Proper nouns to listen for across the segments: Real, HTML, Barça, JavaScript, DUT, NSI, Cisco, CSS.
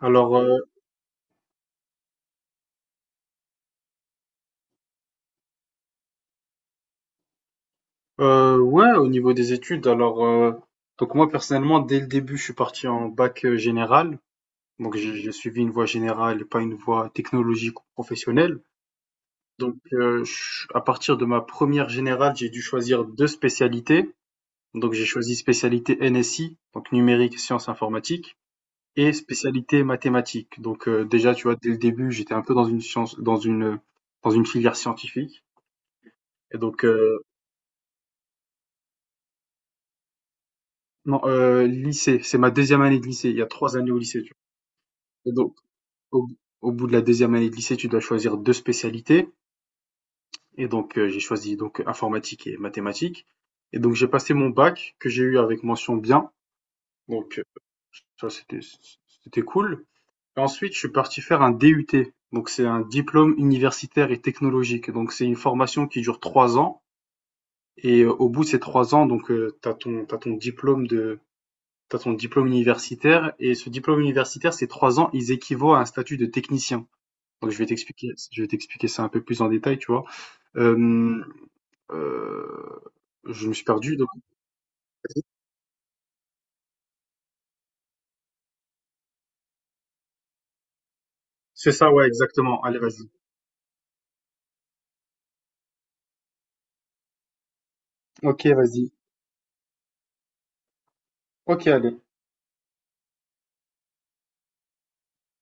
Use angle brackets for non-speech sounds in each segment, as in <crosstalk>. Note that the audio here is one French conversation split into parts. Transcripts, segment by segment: Alors, euh, ouais, au niveau des études, donc moi personnellement, dès le début, je suis parti en bac général. Donc, j'ai suivi une voie générale et pas une voie technologique ou professionnelle. Donc, à partir de ma première générale, j'ai dû choisir deux spécialités. Donc, j'ai choisi spécialité NSI, donc numérique, sciences informatiques, et spécialité mathématiques. Donc, déjà, tu vois, dès le début, j'étais un peu dans une science, dans une filière scientifique. Et non, lycée, c'est ma deuxième année de lycée. Il y a 3 années au lycée, tu vois? Et donc, au au bout de la deuxième année de lycée, tu dois choisir 2 spécialités et donc, j'ai choisi donc informatique et mathématiques et donc j'ai passé mon bac que j'ai eu avec mention bien, donc, ça c'était cool et ensuite je suis parti faire un DUT, donc c'est un diplôme universitaire et technologique, donc c'est une formation qui dure 3 ans et au bout de ces 3 ans, donc, tu ton t'as ton diplôme universitaire et ce diplôme universitaire, ces 3 ans, ils équivaut à un statut de technicien. Donc je vais t'expliquer ça un peu plus en détail, tu vois. Euh, euh, je me suis perdu, donc vas-y. C'est ça, ouais, exactement. Allez, vas-y. Ok, vas-y. Ok, allez.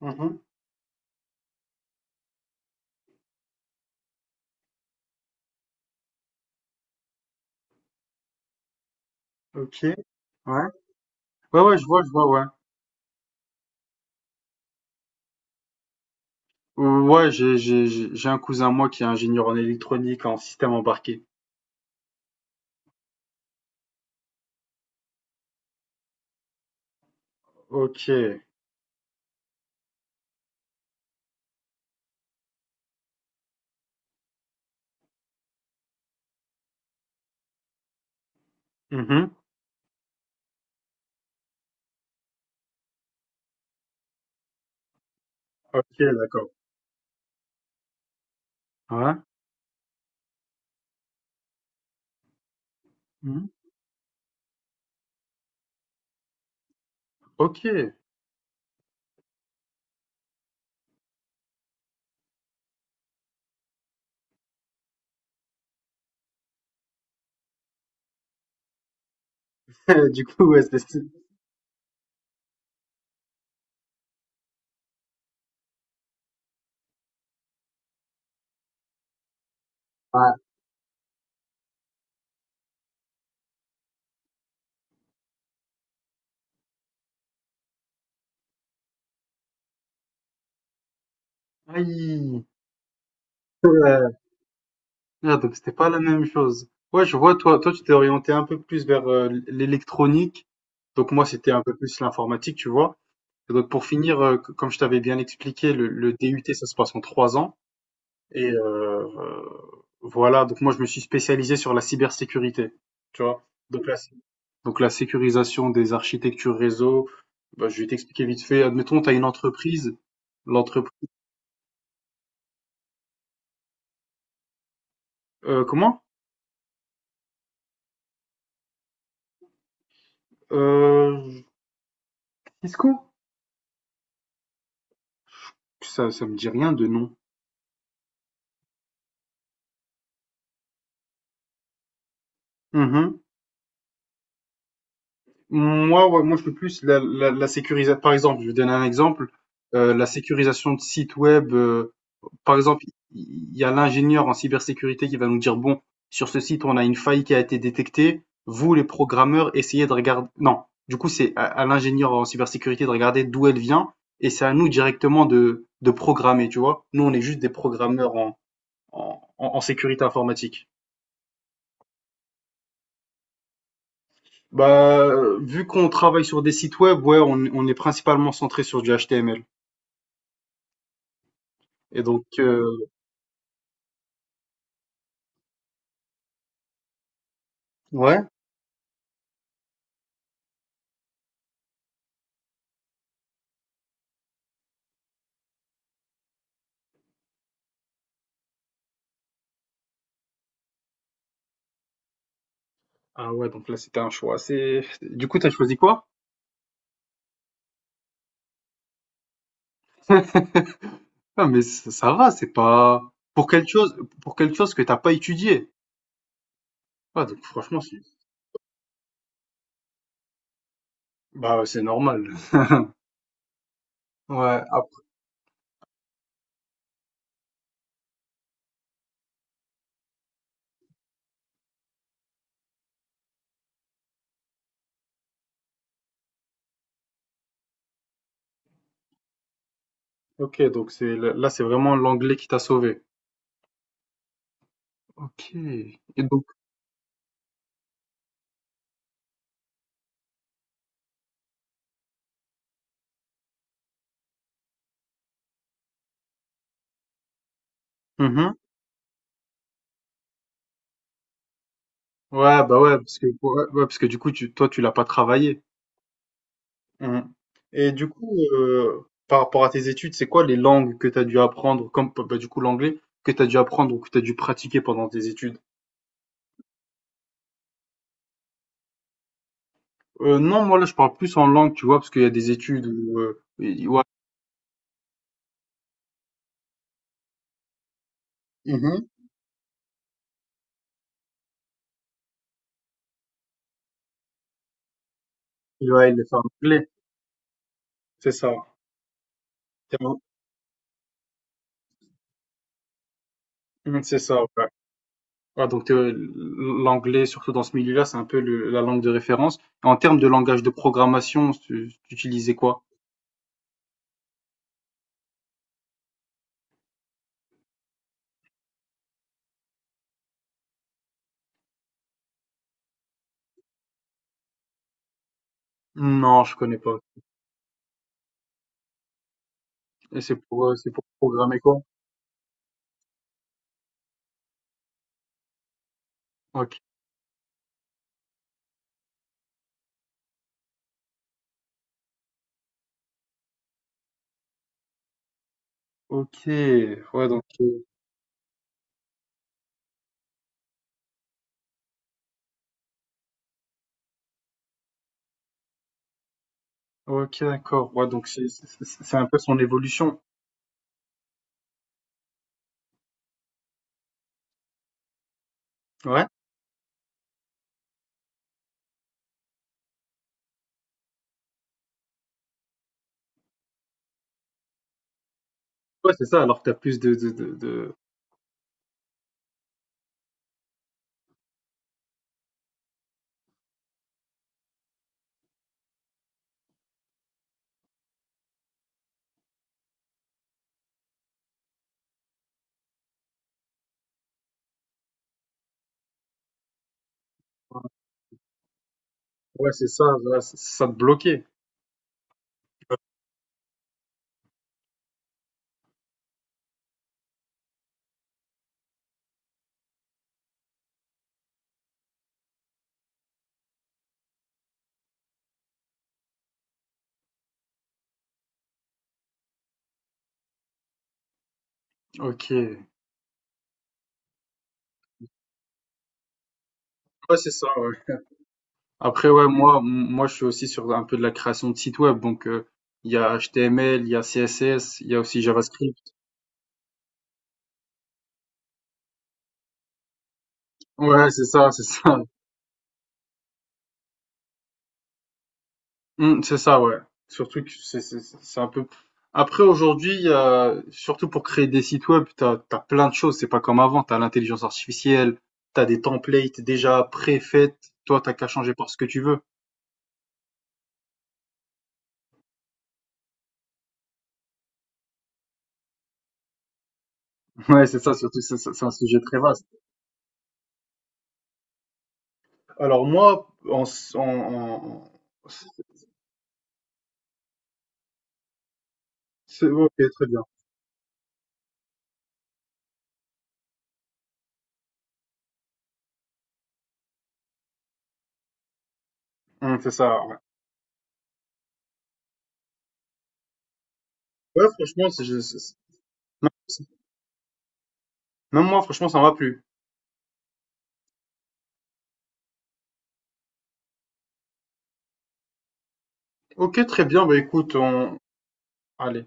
Mhm. Ok, ouais. Ouais, ouais, je vois, ouais. Ouais, j'ai un cousin, moi, qui est ingénieur en électronique, en système embarqué. Ok. Mhm. Ok, d'accord. Ouais. Mhm. Ok. <laughs> Du coup, ouais, c'est… Aïe! Ouais. Ah, donc c'était pas la même chose. Ouais, je vois, toi, toi, tu t'es orienté un peu plus vers l'électronique. Donc moi, c'était un peu plus l'informatique, tu vois. Et donc pour finir, comme je t'avais bien expliqué, le DUT, ça se passe en trois ans. Et euh, voilà, donc moi, je me suis spécialisé sur la cybersécurité, tu vois. Donc la, donc la sécurisation des architectures réseau, bah, je vais t'expliquer vite fait. Admettons, tu as une entreprise. L'entreprise… comment? Euh, Cisco? Ça ça me dit rien de nom. Mmh. Moi, ouais, moi, je fais plus la sécurisa, par exemple, je vais donner un exemple, la sécurisation de sites web, par exemple, il y a l'ingénieur en cybersécurité qui va nous dire: «Bon, sur ce site, on a une faille qui a été détectée. Vous, les programmeurs, essayez de regarder non, du coup, c'est à l'ingénieur en cybersécurité de regarder d'où elle vient et c'est à nous directement de programmer, tu vois? Nous, on est juste des programmeurs en en sécurité informatique. Bah, vu qu'on travaille sur des sites web, ouais, on est principalement centré sur du HTML. Et ouais. Ah ouais, donc là, c'était un choix assez… Du coup, t'as choisi quoi? <laughs> Ah, mais ça va, c'est pas… Pour quelque chose, pour quelque chose que t'as pas étudié. Ah, donc franchement, c'est… Bah, ouais, c'est normal. Ouais, ok, donc c'est là, c'est vraiment l'anglais qui t'a sauvé. Ok. Et donc, mhm. Ouais, bah ouais, parce que, ouais, ouais, parce que du coup, toi, tu l'as pas travaillé. Mmh. Et du coup, par rapport à tes études, c'est quoi les langues que tu as dû apprendre comme bah, du coup l'anglais, que tu as dû apprendre ou que tu as dû pratiquer pendant tes études? Non, moi là, je parle plus en langue, tu vois? Parce qu'il y a des études où, i ouais. Mmh mh. Ouais, il est fait en anglais, c'est ça. Mmh, c'est ça, ouais. Ouais, donc l'anglais, surtout dans ce milieu-là, c'est un peu le la langue de référence. En termes de langage de programmation, tu utilisais quoi? Non, je connais pas. Et c'est pour programmer quoi? OK. OK, ouais donc heu. OK d'accord, ouais donc c'est c'est un peu son évolution. Ouais, ouais c'est ça, alors que tu as plus de Ouais c'est ça, voilà, ç ça te bloquait. OK. Ouais c'est ça, ouais. Après ouais, moi je suis aussi sur un peu de la création de sites web donc il y a HTML, il y a CSS, il y a aussi JavaScript. Ouais c'est ça, c'est ça. Mmh, c'est ça, ouais. Surtout que c'est c'est un peu après aujourd'hui, surtout pour créer des sites web, t'as plein de choses, c'est pas comme avant, t'as l'intelligence artificielle, t'as des templates déjà préfaites, toi t'as qu'à changer par ce que tu veux. <laughs> Ouais, c'est ça, surtout c'est un sujet très vaste. Alors moi, en s en en c'est OK, très bien. Mmh, c'est ça, ouais. Ouais, franchement, c'est même moi, franchement, ça m'a plu. OK, très bien, bah écoute, on allez.